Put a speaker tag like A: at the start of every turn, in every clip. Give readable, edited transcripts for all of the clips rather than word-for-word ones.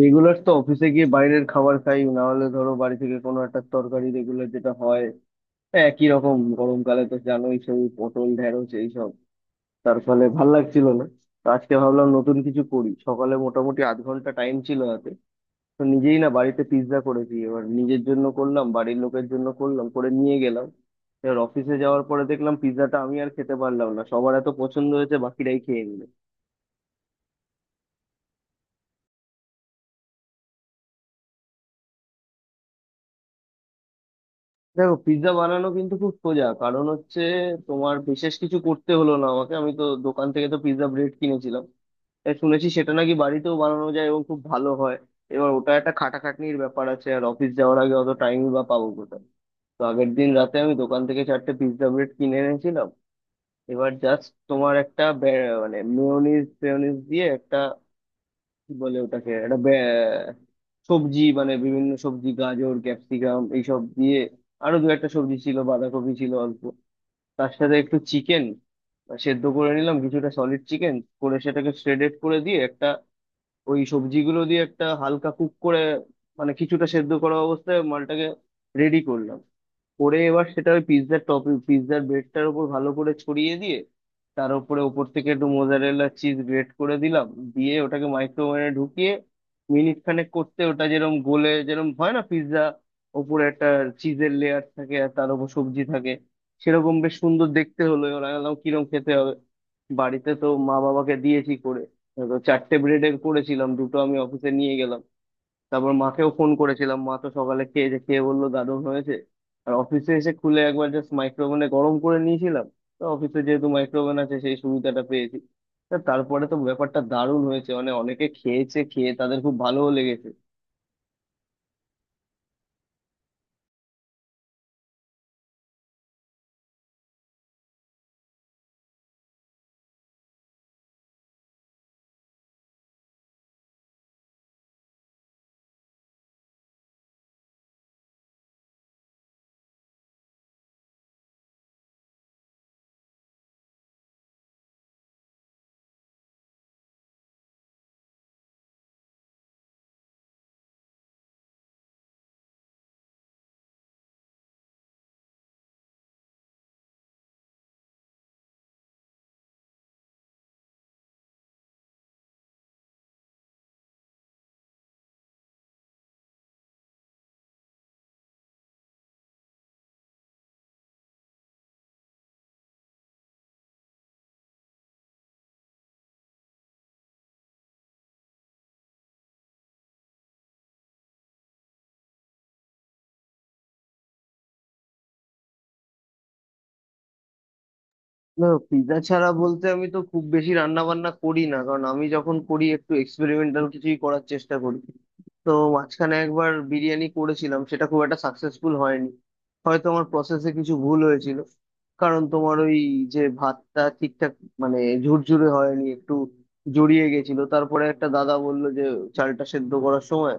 A: Regular তো অফিসে গিয়ে বাইরের খাবার খাই, না হলে ধরো বাড়ি থেকে কোনো একটা তরকারি রেগুলার যেটা হয়। হ্যাঁ, একই রকম। গরমকালে তো জানোই, সেই পটল ঢ্যাঁড়শ এইসব। তার ফলে ভাল লাগছিল না। তো আজকে ভাবলাম নতুন কিছু করি। সকালে মোটামুটি আধ ঘন্টা টাইম ছিল হাতে। তো নিজেই না বাড়িতে পিৎজা করেছি। এবার নিজের জন্য করলাম, বাড়ির লোকের জন্য করলাম, করে নিয়ে গেলাম। এবার অফিসে যাওয়ার পরে দেখলাম পিৎজাটা আমি আর খেতে পারলাম না, সবার এত পছন্দ হয়েছে, বাকিরাই খেয়ে নিল। দেখো, পিৎজা বানানো কিন্তু খুব সোজা। কারণ হচ্ছে, তোমার বিশেষ কিছু করতে হলো না। আমাকে আমি তো দোকান থেকে তো পিৎজা ব্রেড কিনেছিলাম। এ শুনেছি সেটা নাকি বাড়িতেও বানানো যায় এবং খুব ভালো হয়। এবার ওটা একটা খাটাখাটনির ব্যাপার আছে, আর অফিস যাওয়ার আগে অত টাইমই বা পাবো কোথায়। তো আগের দিন রাতে আমি দোকান থেকে চারটে পিৎজা ব্রেড কিনে এনেছিলাম। এবার জাস্ট তোমার একটা মানে মেয়োনিজ ফেয়োনিজ দিয়ে একটা, কি বলে ওটাকে, একটা সবজি, মানে বিভিন্ন সবজি গাজর ক্যাপসিকাম এইসব দিয়ে। আরো দু একটা সবজি ছিল, বাঁধাকপি ছিল অল্প, তার সাথে একটু চিকেন সেদ্ধ করে নিলাম কিছুটা সলিড চিকেন, করে সেটাকে শ্রেডেড করে দিয়ে একটা ওই সবজিগুলো দিয়ে একটা হালকা কুক করে, মানে কিছুটা সেদ্ধ করা অবস্থায় মালটাকে রেডি করলাম। করে এবার সেটা ওই পিৎজার টপ পিৎজার ব্রেডটার উপর ভালো করে ছড়িয়ে দিয়ে, তার উপরে ওপর থেকে একটু মোজারেলা চিজ গ্রেট করে দিলাম। দিয়ে ওটাকে মাইক্রোওভেনে ঢুকিয়ে মিনিট খানেক করতে, ওটা যেরকম গোলে, যেরকম হয় না পিৎজা, ওপরে একটা চিজের লেয়ার থাকে আর তার উপর সবজি থাকে, সেরকম বেশ সুন্দর দেখতে হলো। এবার আমি ভাবলাম কিরকম খেতে হবে। বাড়িতে তো মা বাবাকে দিয়েছি করে। তো চারটে ব্রেডের করেছিলাম, দুটো আমি অফিসে নিয়ে গেলাম। তারপর মাকেও ফোন করেছিলাম, মা তো সকালে খেয়ে যে খেয়ে বললো গাদন হয়েছে। আর অফিসে এসে খুলে একবার জাস্ট মাইক্রোওভেনে গরম করে নিয়েছিলাম। তো অফিসে যেহেতু মাইক্রোওভেন আছে, সেই সুবিধাটা পেয়েছি। তা তারপরে তো ব্যাপারটা দারুণ হয়েছে, মানে অনেকে খেয়েছে, খেয়ে তাদের খুব ভালোও লেগেছে। না, পিৎজা ছাড়া বলতে আমি তো খুব বেশি রান্না বান্না করি না, কারণ আমি যখন করি একটু এক্সপেরিমেন্টাল কিছুই করার চেষ্টা করি। তো মাঝখানে একবার বিরিয়ানি করেছিলাম, সেটা খুব একটা সাকসেসফুল হয়নি। হয়তো আমার প্রসেসে কিছু ভুল হয়েছিল। কারণ তোমার ওই যে ভাতটা ঠিকঠাক, মানে, ঝুরঝুরে হয়নি, একটু জড়িয়ে গেছিল। তারপরে একটা দাদা বললো যে চালটা সেদ্ধ করার সময়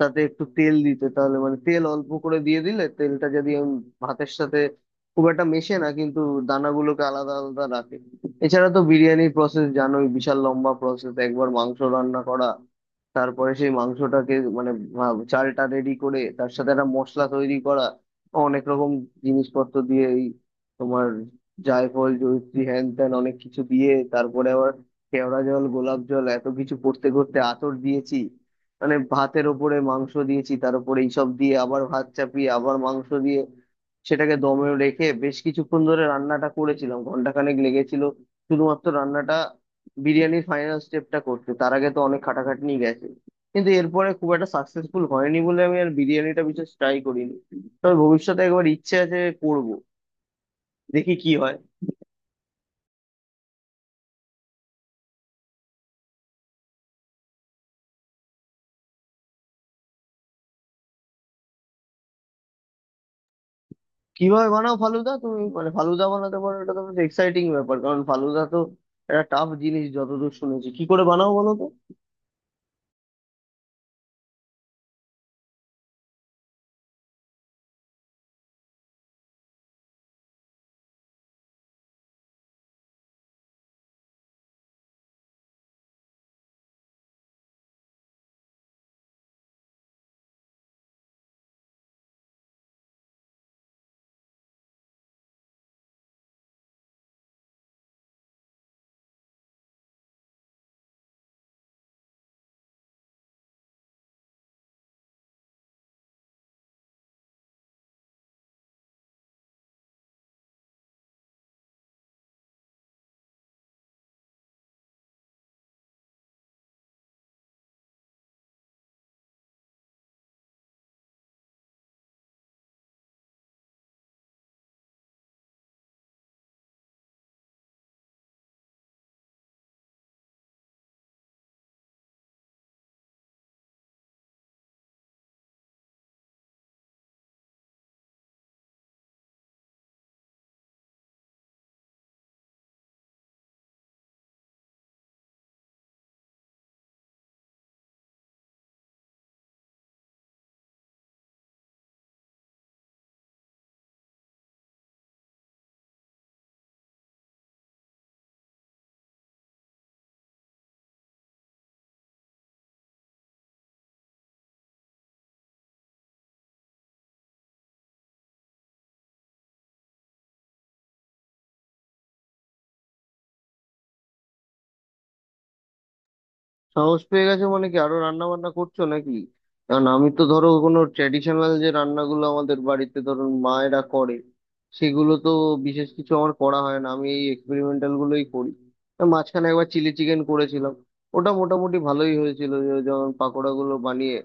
A: তাতে একটু তেল দিতে, তাহলে মানে তেল অল্প করে দিয়ে দিলে তেলটা যদি আমি ভাতের সাথে, খুব একটা মেশে না কিন্তু দানাগুলোকে আলাদা আলাদা রাখে। এছাড়া তো বিরিয়ানির প্রসেস জানোই, বিশাল লম্বা প্রসেস। একবার মাংস রান্না করা, তারপরে সেই মাংসটাকে মানে চালটা রেডি করে তার সাথে একটা মশলা তৈরি করা অনেক রকম জিনিসপত্র দিয়ে, এই তোমার জায়ফল জয়িত্রী হ্যান ত্যান অনেক কিছু দিয়ে, তারপরে আবার কেওড়া জল গোলাপ জল এত কিছু করতে করতে আতর দিয়েছি, মানে ভাতের ওপরে মাংস দিয়েছি তার উপরে এইসব দিয়ে আবার ভাত চাপিয়ে আবার মাংস দিয়ে সেটাকে দমে রেখে বেশ কিছুক্ষণ ধরে রান্নাটা করেছিলাম। ঘন্টাখানেক লেগেছিল শুধুমাত্র রান্নাটা, বিরিয়ানির ফাইনাল স্টেপটা করতে। তার আগে তো অনেক খাটাখাটনি গেছে। কিন্তু এরপরে খুব একটা সাকসেসফুল হয়নি বলে আমি আর বিরিয়ানিটা বিশেষ ট্রাই করিনি। তবে ভবিষ্যতে একবার ইচ্ছে আছে, করব, দেখি কি হয়। কিভাবে বানাও ফালুদা তুমি? মানে ফালুদা বানাতে পারো, এটা তো বেশ এক্সাইটিং ব্যাপার। কারণ ফালুদা তো একটা টাফ জিনিস যতদূর শুনেছি। কি করে বানাও বলো তো। সাহস পেয়ে গেছে মানে কি, আরো রান্না বান্না করছো নাকি? কারণ আমি তো ধরো কোনো ট্র্যাডিশনাল যে রান্নাগুলো আমাদের বাড়িতে ধরুন মায়েরা করে, সেগুলো তো বিশেষ কিছু আমার করা হয় না। আমি এই এক্সপেরিমেন্টাল গুলোই করি। আর মাঝখানে একবার চিলি চিকেন করেছিলাম, ওটা মোটামুটি ভালোই হয়েছিল। যেমন পাকোড়া গুলো বানিয়ে,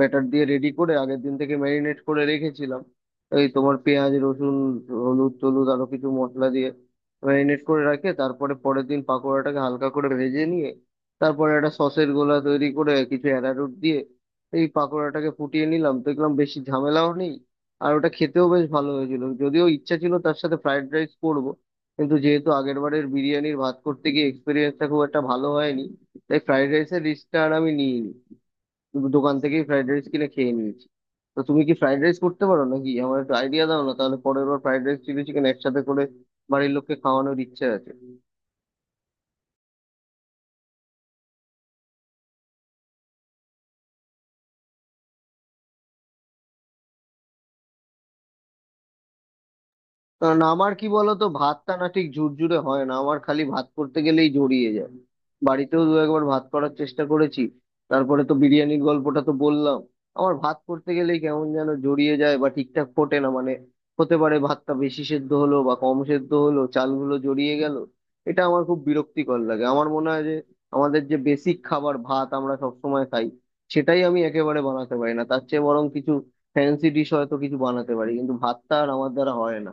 A: ব্যাটার দিয়ে রেডি করে আগের দিন থেকে ম্যারিনেট করে রেখেছিলাম, এই তোমার পেঁয়াজ রসুন হলুদ টলুদ আরো কিছু মশলা দিয়ে ম্যারিনেট করে রাখে। তারপরে পরের দিন পাকোড়াটাকে হালকা করে ভেজে নিয়ে, তারপরে একটা সসের গোলা তৈরি করে কিছু অ্যারারুট দিয়ে এই পাকোড়াটাকে ফুটিয়ে নিলাম, দেখলাম বেশি ঝামেলাও নেই। আর ওটা খেতেও বেশ ভালো হয়েছিল। যদিও ইচ্ছা ছিল তার সাথে ফ্রাইড রাইস করবো, কিন্তু যেহেতু আগের বারের বিরিয়ানির ভাত করতে গিয়ে এক্সপিরিয়েন্সটা খুব একটা ভালো হয়নি, তাই ফ্রাইড রাইসের রিস্কটা আর আমি নিইনি। দোকান থেকেই ফ্রাইড রাইস কিনে খেয়ে নিয়েছি। তো তুমি কি ফ্রাইড রাইস করতে পারো নাকি? আমার একটু আইডিয়া দাও না, তাহলে পরের বার ফ্রাইড রাইস চিলি চিকেন একসাথে করে বাড়ির লোককে খাওয়ানোর ইচ্ছে আছে। কারণ আমার, কি বলতো, ভাতটা না ঠিক ঝুরঝুরে হয় না, আমার খালি ভাত করতে গেলেই জড়িয়ে যায়। বাড়িতেও দু একবার ভাত করার চেষ্টা করেছি, তারপরে তো বিরিয়ানির গল্পটা তো বললাম। আমার ভাত করতে গেলেই কেমন যেন জড়িয়ে যায় বা ঠিকঠাক ফোটে না, মানে হতে পারে ভাতটা বেশি সেদ্ধ হলো বা কম সেদ্ধ হলো, চালগুলো জড়িয়ে গেল। এটা আমার খুব বিরক্তিকর লাগে। আমার মনে হয় যে আমাদের যে বেসিক খাবার ভাত আমরা সবসময় খাই, সেটাই আমি একেবারে বানাতে পারি না। তার চেয়ে বরং কিছু ফ্যান্সি ডিশ হয়তো কিছু বানাতে পারি, কিন্তু ভাতটা আর আমার দ্বারা হয় না।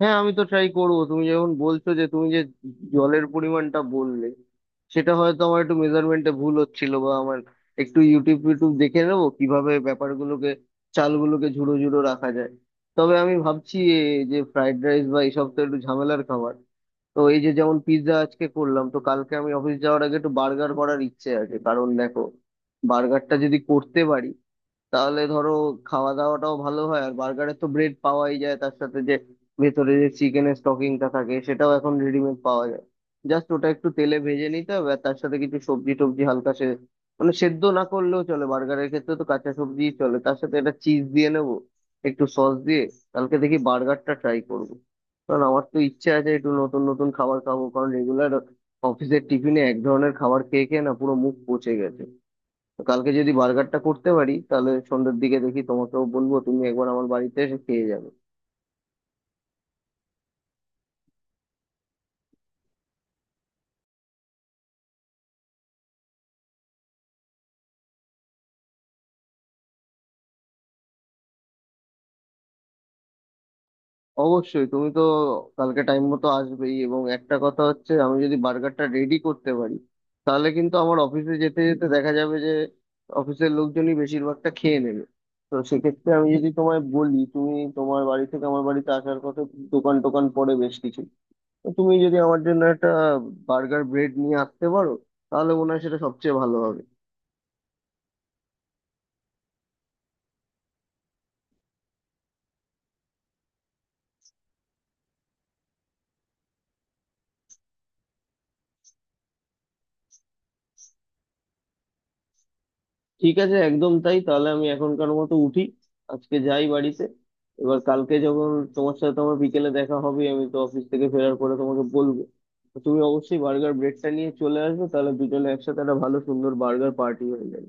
A: হ্যাঁ, আমি তো ট্রাই করবো। তুমি যখন বলছো যে তুমি যে জলের পরিমাণটা বললে, সেটা হয়তো আমার একটু মেজারমেন্টে ভুল হচ্ছিল। বা আমার একটু ইউটিউব ইউটিউব দেখে নেবো কিভাবে ব্যাপারগুলোকে, চালগুলোকে ঝুড়ো ঝুড়ো রাখা যায়। তবে আমি ভাবছি এ, যে ফ্রাইড রাইস বা এইসব তো একটু ঝামেলার খাবার। তো এই যে যেমন পিৎজা আজকে করলাম, তো কালকে আমি অফিস যাওয়ার আগে একটু বার্গার করার ইচ্ছে আছে। কারণ দেখো, বার্গারটা যদি করতে পারি তাহলে ধরো খাওয়া দাওয়াটাও ভালো হয়। আর বার্গারে তো ব্রেড পাওয়াই যায়, তার সাথে যে ভেতরে যে চিকেনের স্টকিংটা থাকে সেটাও এখন রেডিমেড পাওয়া যায়। জাস্ট ওটা একটু তেলে ভেজে নিতে হবে, আর তার সাথে কিছু সবজি টবজি হালকা সে, মানে সেদ্ধ না করলেও চলে, বার্গারের ক্ষেত্রে তো কাঁচা সবজিই চলে। তার সাথে একটা চিজ দিয়ে নেবো, একটু সস দিয়ে। কালকে দেখি বার্গারটা ট্রাই করবো। কারণ আমার তো ইচ্ছে আছে একটু নতুন নতুন খাবার খাবো, কারণ রেগুলার অফিসের টিফিনে এক ধরনের খাবার খেয়ে খেয়ে না পুরো মুখ পচে গেছে। তো কালকে যদি বার্গারটা করতে পারি তাহলে সন্ধ্যের দিকে দেখি, তোমাকেও বলবো, তুমি একবার আমার বাড়িতে এসে খেয়ে যাবে। অবশ্যই তুমি তো কালকে টাইম মতো আসবেই, এবং একটা কথা হচ্ছে, আমি যদি বার্গারটা রেডি করতে পারি তাহলে কিন্তু আমার অফিসে যেতে যেতে দেখা যাবে যে অফিসের লোকজনই বেশিরভাগটা খেয়ে নেবে। তো সেক্ষেত্রে আমি যদি তোমায় বলি, তুমি তোমার বাড়ি থেকে আমার বাড়িতে আসার কথা, দোকান টোকান পড়ে বেশ কিছু, তো তুমি যদি আমার জন্য একটা বার্গার ব্রেড নিয়ে আসতে পারো তাহলে মনে হয় সেটা সবচেয়ে ভালো হবে। ঠিক আছে, একদম তাই। তাহলে আমি এখনকার মতো উঠি, আজকে যাই বাড়িতে। এবার কালকে যখন তোমার সাথে তোমার বিকেলে দেখা হবে, আমি তো অফিস থেকে ফেরার পরে তোমাকে বলবো। তো তুমি অবশ্যই বার্গার ব্রেডটা নিয়ে চলে আসবে, তাহলে দুজনে একসাথে একটা ভালো সুন্দর বার্গার পার্টি হয়ে যাবে।